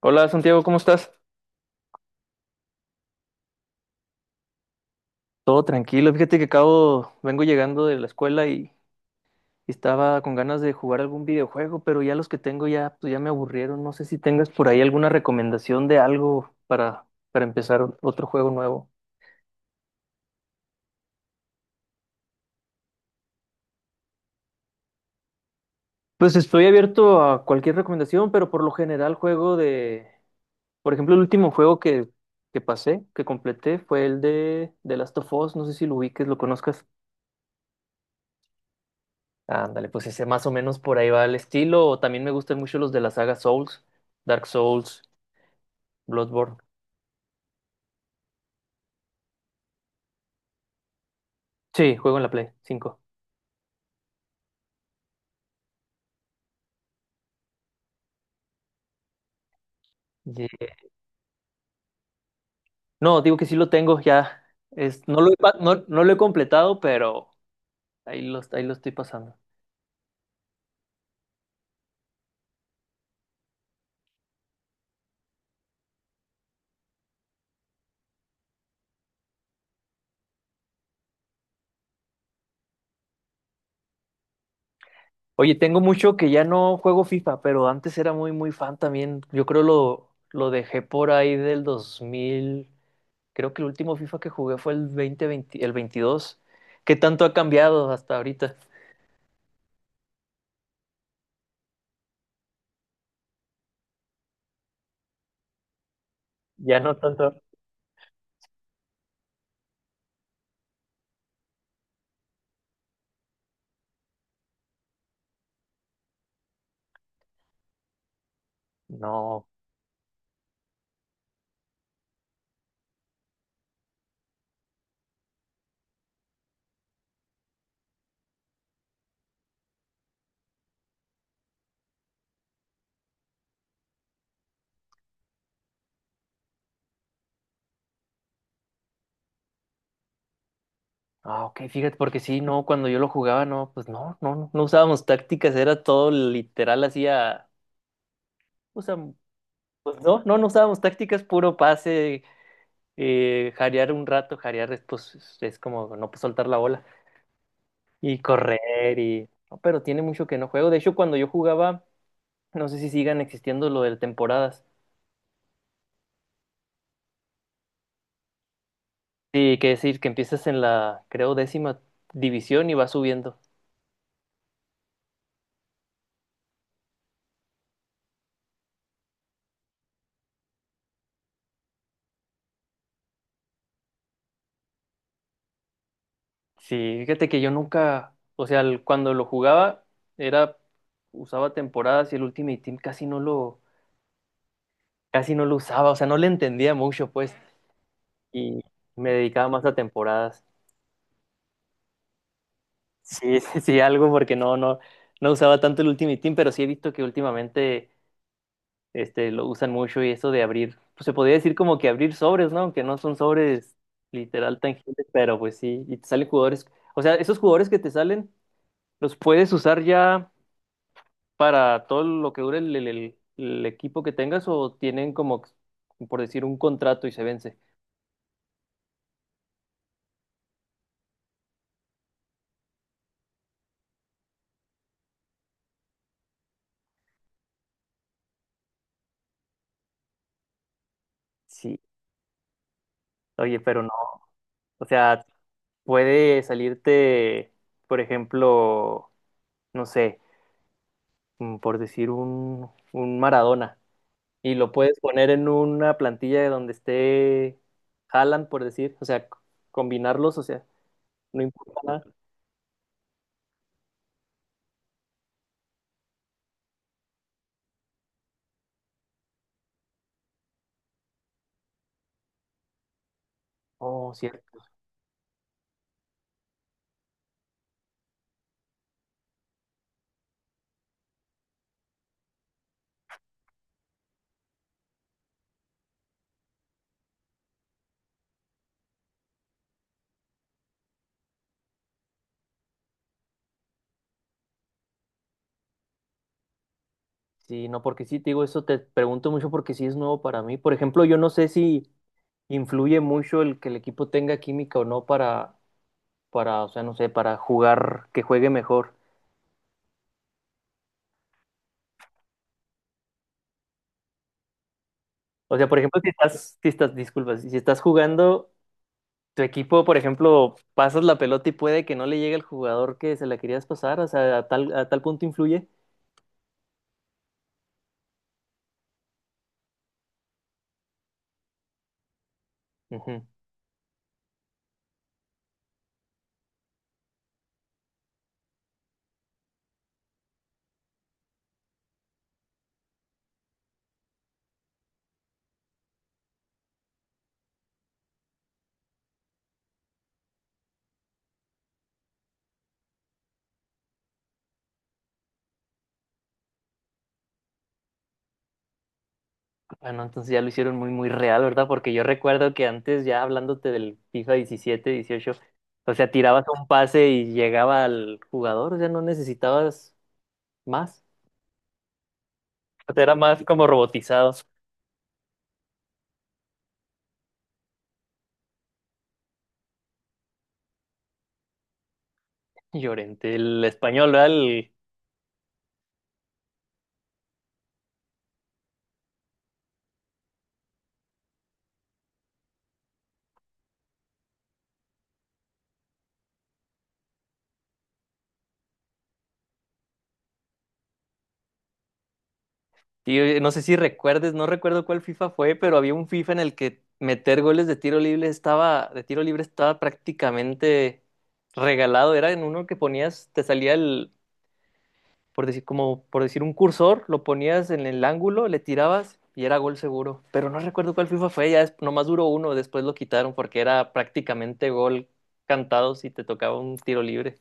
Hola Santiago, ¿cómo estás? Todo tranquilo. Fíjate que acabo, vengo llegando de la escuela y estaba con ganas de jugar algún videojuego, pero ya los que tengo ya, pues ya me aburrieron. No sé si tengas por ahí alguna recomendación de algo para empezar otro juego nuevo. Pues estoy abierto a cualquier recomendación, pero por lo general juego de, por ejemplo, el último juego que pasé, que completé, fue el de The Last of Us. No sé si lo ubiques, lo conozcas. Ándale, pues ese más o menos por ahí va el estilo. O también me gustan mucho los de la saga Souls, Dark Souls, Bloodborne. Sí, juego en la Play 5. Ye- No, digo que sí lo tengo ya. Es, no lo he, no, no lo he completado, pero ahí lo estoy pasando. Oye, tengo mucho que ya no juego FIFA, pero antes era muy, muy fan también. Yo creo lo dejé por ahí del dos mil. Creo que el último FIFA que jugué fue el 2020, el 22. ¿Qué tanto ha cambiado hasta ahorita? Ya no tanto. No. Ah, ok, fíjate, porque sí, no, cuando yo lo jugaba, no, pues no, no, no no usábamos tácticas, era todo literal, hacía, o sea, pues no, no, no usábamos tácticas, puro pase, jarear un rato, jarear es, pues, es como no pues, soltar la bola y correr y, no, pero tiene mucho que no juego, de hecho, cuando yo jugaba, no sé si sigan existiendo lo de temporadas, sí, que decir, que empiezas en la, creo, 10.ª división y vas subiendo. Sí, fíjate que yo nunca, o sea, cuando lo jugaba era usaba temporadas y el Ultimate Team casi no lo usaba, o sea, no le entendía mucho, pues, y me dedicaba más a temporadas. Sí, sí, sí, algo porque no no no usaba tanto el Ultimate Team, pero sí he visto que últimamente este lo usan mucho y eso de abrir, pues se podría decir como que abrir sobres, ¿no? Aunque no son sobres literal tangibles, pero pues sí, y te salen jugadores, o sea, esos jugadores que te salen los puedes usar ya para todo lo que dure el equipo que tengas, ¿o tienen como, por decir, un contrato y se vence? Sí, oye, pero no. O sea, puede salirte, por ejemplo, no sé, por decir un Maradona y lo puedes poner en una plantilla de donde esté Haaland, por decir, o sea, combinarlos, o sea, no importa nada. Oh, cierto. Sí, no, porque sí, te digo, eso te pregunto mucho porque sí es nuevo para mí. Por ejemplo, yo no sé si influye mucho el que el equipo tenga química o no para, o sea, no sé, para jugar, que juegue mejor. O sea, por ejemplo, si estás, disculpas, si estás jugando, tu equipo, por ejemplo, pasas la pelota y puede que no le llegue al jugador que se la querías pasar, o sea, a tal punto influye. Ujú. Bueno, entonces ya lo hicieron muy, muy real, ¿verdad? Porque yo recuerdo que antes, ya hablándote del FIFA 17 18, o sea, tirabas un pase y llegaba al jugador, o sea, no necesitabas más. O sea, era más como robotizado. Llorente, el español, ¿verdad? Y, no sé si recuerdes, no recuerdo cuál FIFA fue, pero había un FIFA en el que meter goles de tiro libre estaba, prácticamente regalado. Era en uno que ponías, te salía el, por decir, como por decir un cursor, lo ponías en el ángulo, le tirabas y era gol seguro. Pero no recuerdo cuál FIFA fue, ya nomás duró uno, después lo quitaron porque era prácticamente gol cantado si te tocaba un tiro libre.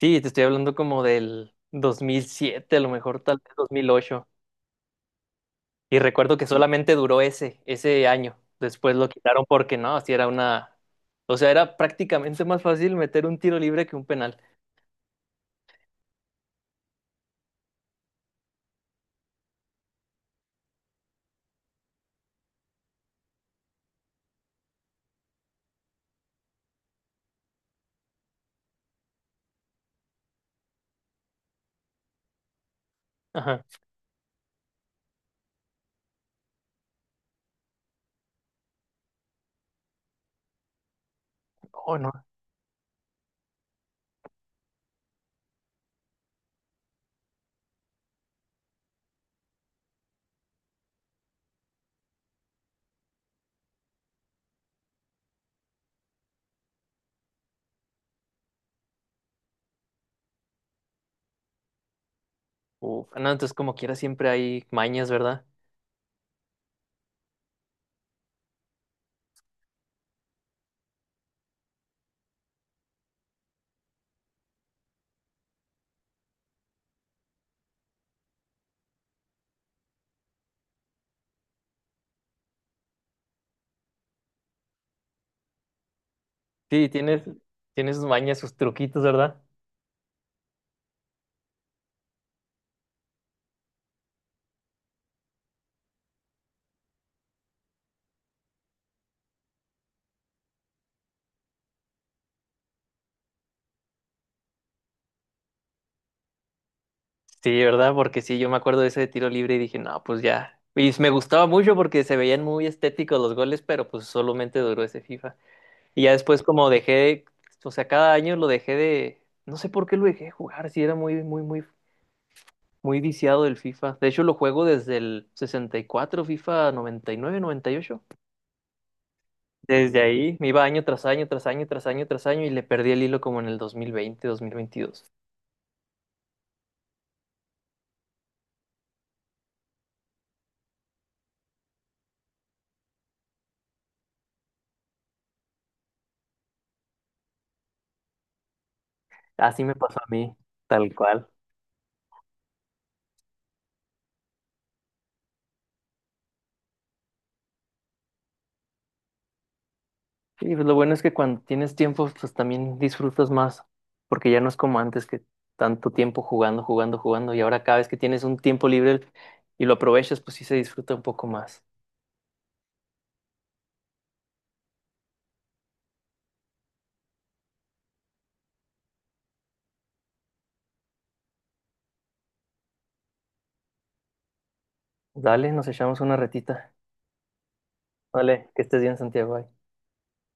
Sí, te estoy hablando como del 2007, a lo mejor tal vez 2008. Y recuerdo que solamente duró ese año. Después lo quitaron porque no, así era una. O sea, era prácticamente más fácil meter un tiro libre que un penal. Ajá. Oh, no. Uf, no, entonces como quiera siempre hay mañas, ¿verdad? Sí, tienes sus mañas, sus truquitos, ¿verdad? Sí, ¿verdad? Porque sí, yo me acuerdo de ese de tiro libre y dije, no, pues ya. Y me gustaba mucho porque se veían muy estéticos los goles, pero pues solamente duró ese FIFA. Y ya después como dejé, o sea, cada año lo dejé de, no sé por qué lo dejé de jugar, si era muy, muy, muy, muy viciado del FIFA. De hecho, lo juego desde el 64 FIFA noventa 99 98. Desde ahí me iba año tras año, tras año, tras año, tras año y le perdí el hilo como en el 2020 2022. Así me pasó a mí, tal cual. Sí, pues lo bueno es que cuando tienes tiempo, pues también disfrutas más, porque ya no es como antes que tanto tiempo jugando, jugando, jugando, y ahora cada vez que tienes un tiempo libre y lo aprovechas, pues sí se disfruta un poco más. Dale, nos echamos una retita. Dale, que estés bien, Santiago. Bye.